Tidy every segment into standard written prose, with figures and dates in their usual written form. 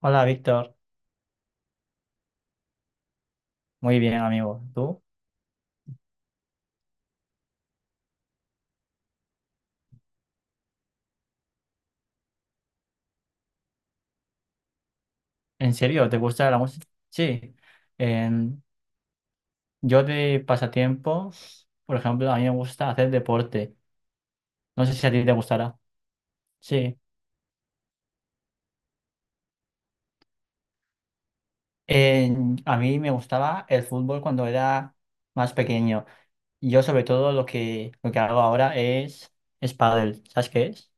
Hola, Víctor. Muy bien, amigo. ¿Tú? ¿En serio? ¿Te gusta la música? Sí. En- yo de pasatiempos, por ejemplo, a mí me gusta hacer deporte. No sé si a ti te gustará. Sí. A mí me gustaba el fútbol cuando era más pequeño. Yo sobre todo lo que hago ahora es pádel. ¿Sabes qué es?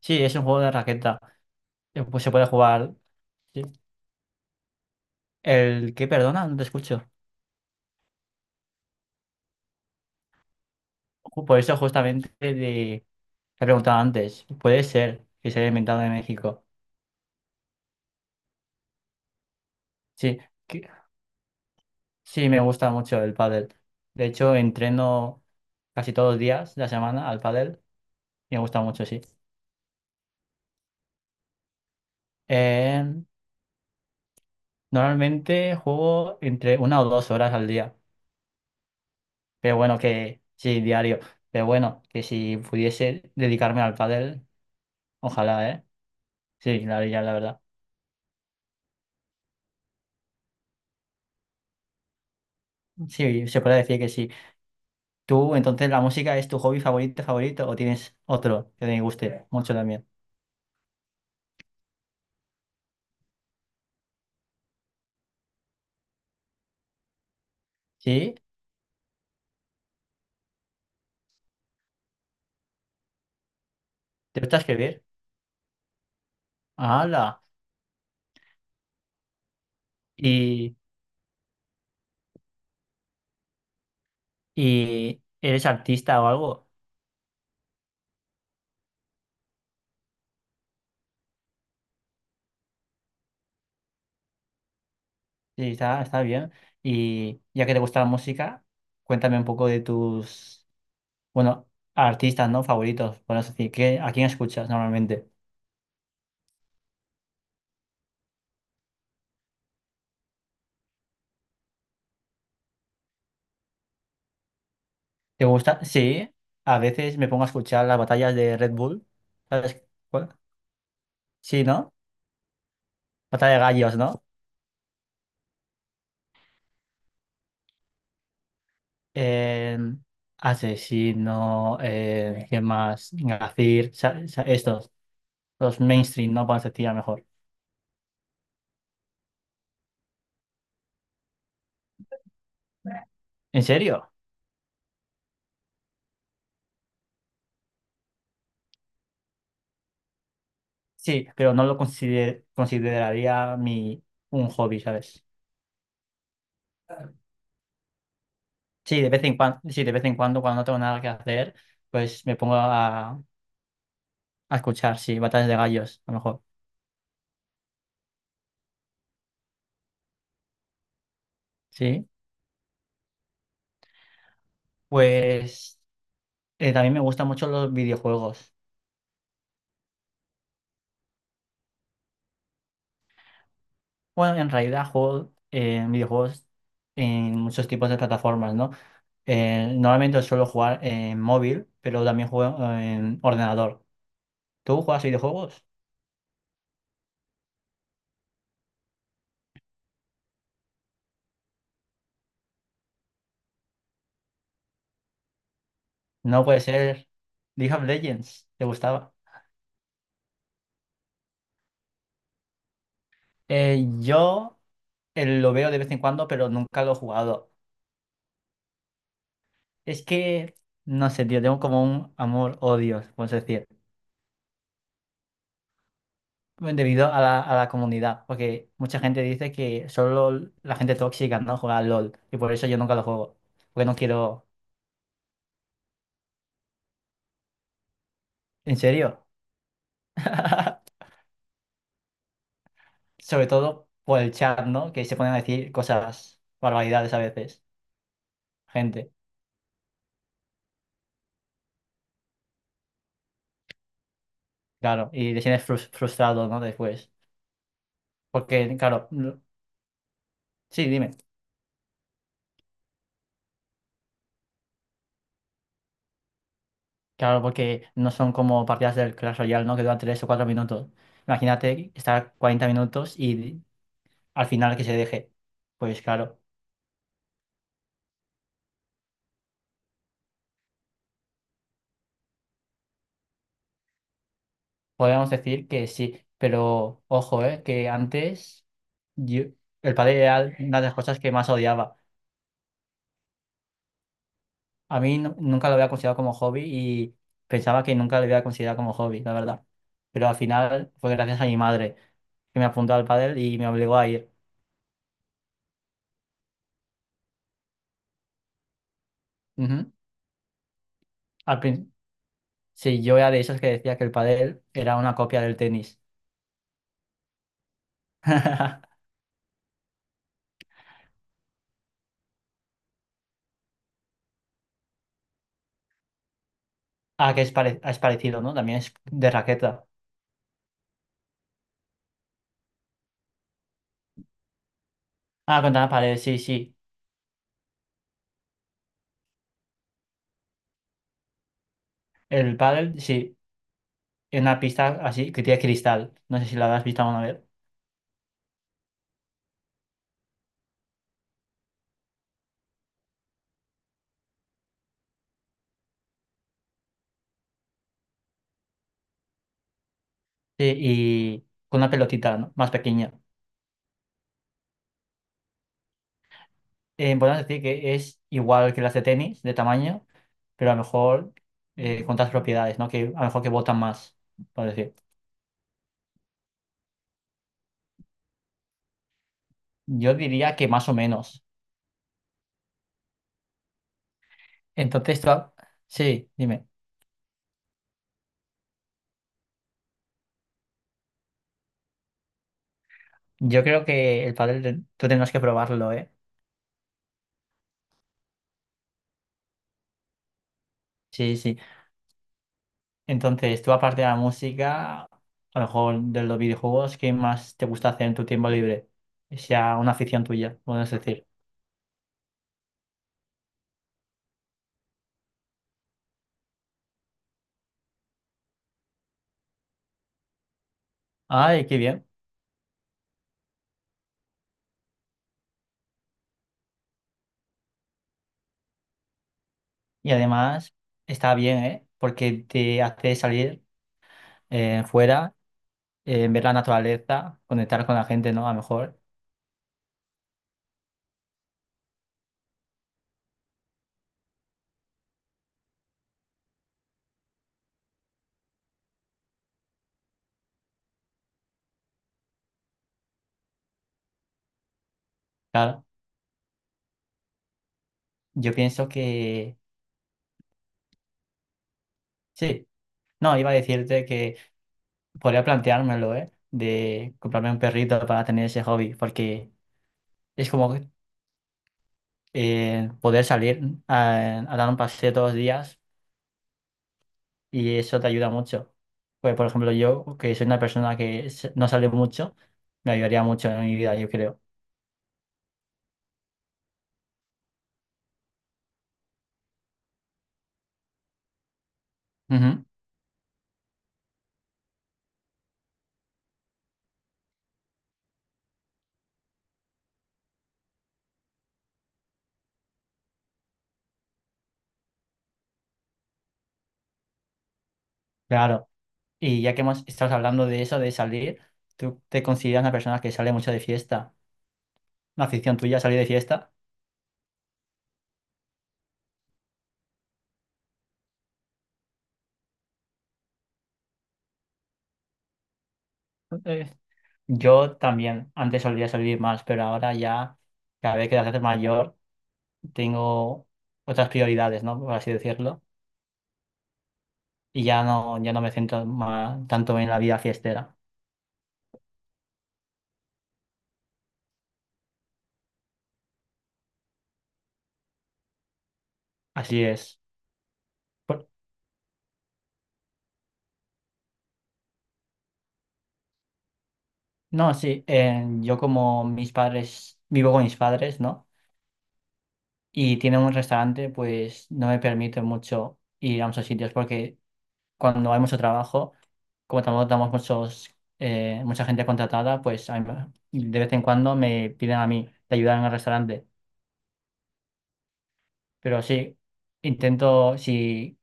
Sí, es un juego de raqueta. Pues se puede jugar. Sí. ¿El qué? Perdona, no te escucho. Por eso justamente de. Te he preguntado antes, puede ser que se haya inventado en México. Sí, que- sí, me gusta mucho el pádel. De hecho, entreno casi todos los días de la semana al pádel. Me gusta mucho, sí. Eh, Normalmente juego entre 1 o 2 horas al día. Pero bueno, que sí, diario. Pero bueno, que si pudiese dedicarme al pádel, ojalá, ¿eh? Sí, ya la verdad. Sí, se puede decir que sí. ¿Tú, entonces, la música es tu hobby favorito, favorito, o tienes otro que te guste mucho también? ¿Sí? ¿Te gusta escribir? ¡Hala! ¿Y, y eres artista o algo? Sí, está bien. Y ya que te gusta la música, cuéntame un poco de tus, bueno, artistas, ¿no? Favoritos, por así decir. ¿A quién escuchas normalmente? ¿Te gusta? Sí. A veces me pongo a escuchar las batallas de Red Bull. ¿Sabes cuál? Sí, ¿no? Batalla de gallos, ¿no? eh Asesino, ¿qué más? Gazir, estos, los mainstream, no parecería mejor. ¿En serio? Sí, pero no lo consideraría un hobby, ¿sabes? Sí, de vez en cuando, sí, de vez en cuando, cuando no tengo nada que hacer, pues me pongo a escuchar, sí, batallas de gallos, a lo mejor. Sí, pues también me gustan mucho los videojuegos. Bueno, en realidad juego videojuegos en muchos tipos de plataformas, ¿no? Normalmente suelo jugar en móvil, pero también juego en ordenador. ¿Tú juegas videojuegos? No puede ser. League of Legends, ¿te gustaba? Yo lo veo de vez en cuando, pero nunca lo he jugado. Es que, no sé, tío, tengo como un amor-odio, puedes decir, debido a la comunidad, porque mucha gente dice que solo la gente tóxica no juega al LOL, y por eso yo nunca lo juego, porque no quiero. ¿En serio? Sobre todo por el chat, ¿no? Que se ponen a decir cosas, barbaridades a veces, gente, claro, y te sientes frustrado, ¿no? Después, porque, claro, sí, dime, claro, porque no son como partidas del Clash Royale, ¿no? Que duran 3 o 4 minutos. Imagínate estar 40 minutos y al final que se deje. Pues claro, podríamos decir que sí, pero ojo, ¿eh? Que antes yo, el padre era una de las cosas que más odiaba. A mí nunca lo había considerado como hobby y pensaba que nunca lo había considerado como hobby, la verdad. Pero al final fue gracias a mi madre que me apuntó al pádel y me obligó a ir. Ujú. Al prin- sí, yo era de esos que decía que el pádel era una copia del tenis. Ah, que es parecido, ¿no? También es de raqueta. Ah, contra la pared, sí, sí. El pádel, sí. En una pista así, que tiene cristal. No sé si la habrás visto alguna vez. Sí, y con una pelotita, ¿no? Más pequeña. Podemos decir que es igual que las de tenis, de tamaño, pero a lo mejor con otras propiedades, ¿no? Que a lo mejor que botan más, por decir. Yo diría que más o menos. Entonces, sí, dime. Yo creo que el pádel tú tendrás que probarlo, ¿eh? Sí, sí. Entonces, tú aparte de la música, a lo mejor de los videojuegos, ¿qué más te gusta hacer en tu tiempo libre? Que sea una afición tuya, podemos decir. Ay, qué bien. Y además, está bien, ¿eh? Porque te hace salir fuera ver la naturaleza, conectar con la gente, ¿no? A lo mejor, claro. Yo pienso que sí. No, iba a decirte que podría planteármelo, ¿eh? De comprarme un perrito para tener ese hobby, porque es como poder salir a dar un paseo todos los días y eso te ayuda mucho. Pues, por ejemplo, yo, que soy una persona que no sale mucho, me ayudaría mucho en mi vida, yo creo. Ujú, claro. Y ya que hemos estado hablando de eso, de salir, ¿tú te consideras una persona que sale mucho de fiesta? Una afición tuya, salir de fiesta. Eh, yo también, antes solía salir más, pero ahora ya, cada vez que te haces mayor, tengo otras prioridades, ¿no? Por así decirlo. Y ya no, me centro tanto en la vida fiestera. Así es. Por- No, sí, yo como mis padres, vivo con mis padres, ¿no? Y tienen un restaurante, pues no me permite mucho ir a muchos sitios porque cuando hay mucho trabajo, como tampoco damos muchos, mucha gente contratada, pues de vez en cuando me piden a mí de ayudar en el restaurante. Pero sí, intento, si,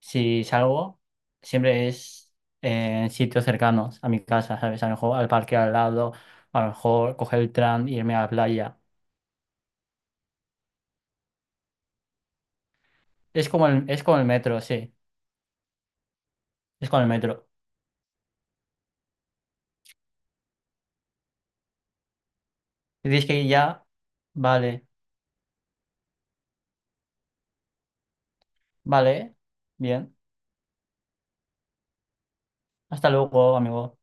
si salgo, siempre es en sitios cercanos a mi casa, ¿sabes? A lo mejor al parque al lado, a lo mejor coger el tram e irme a la playa. Es con el metro, sí, es con el metro. Dices que ya, vale, vale, bien. Hasta luego, amigo.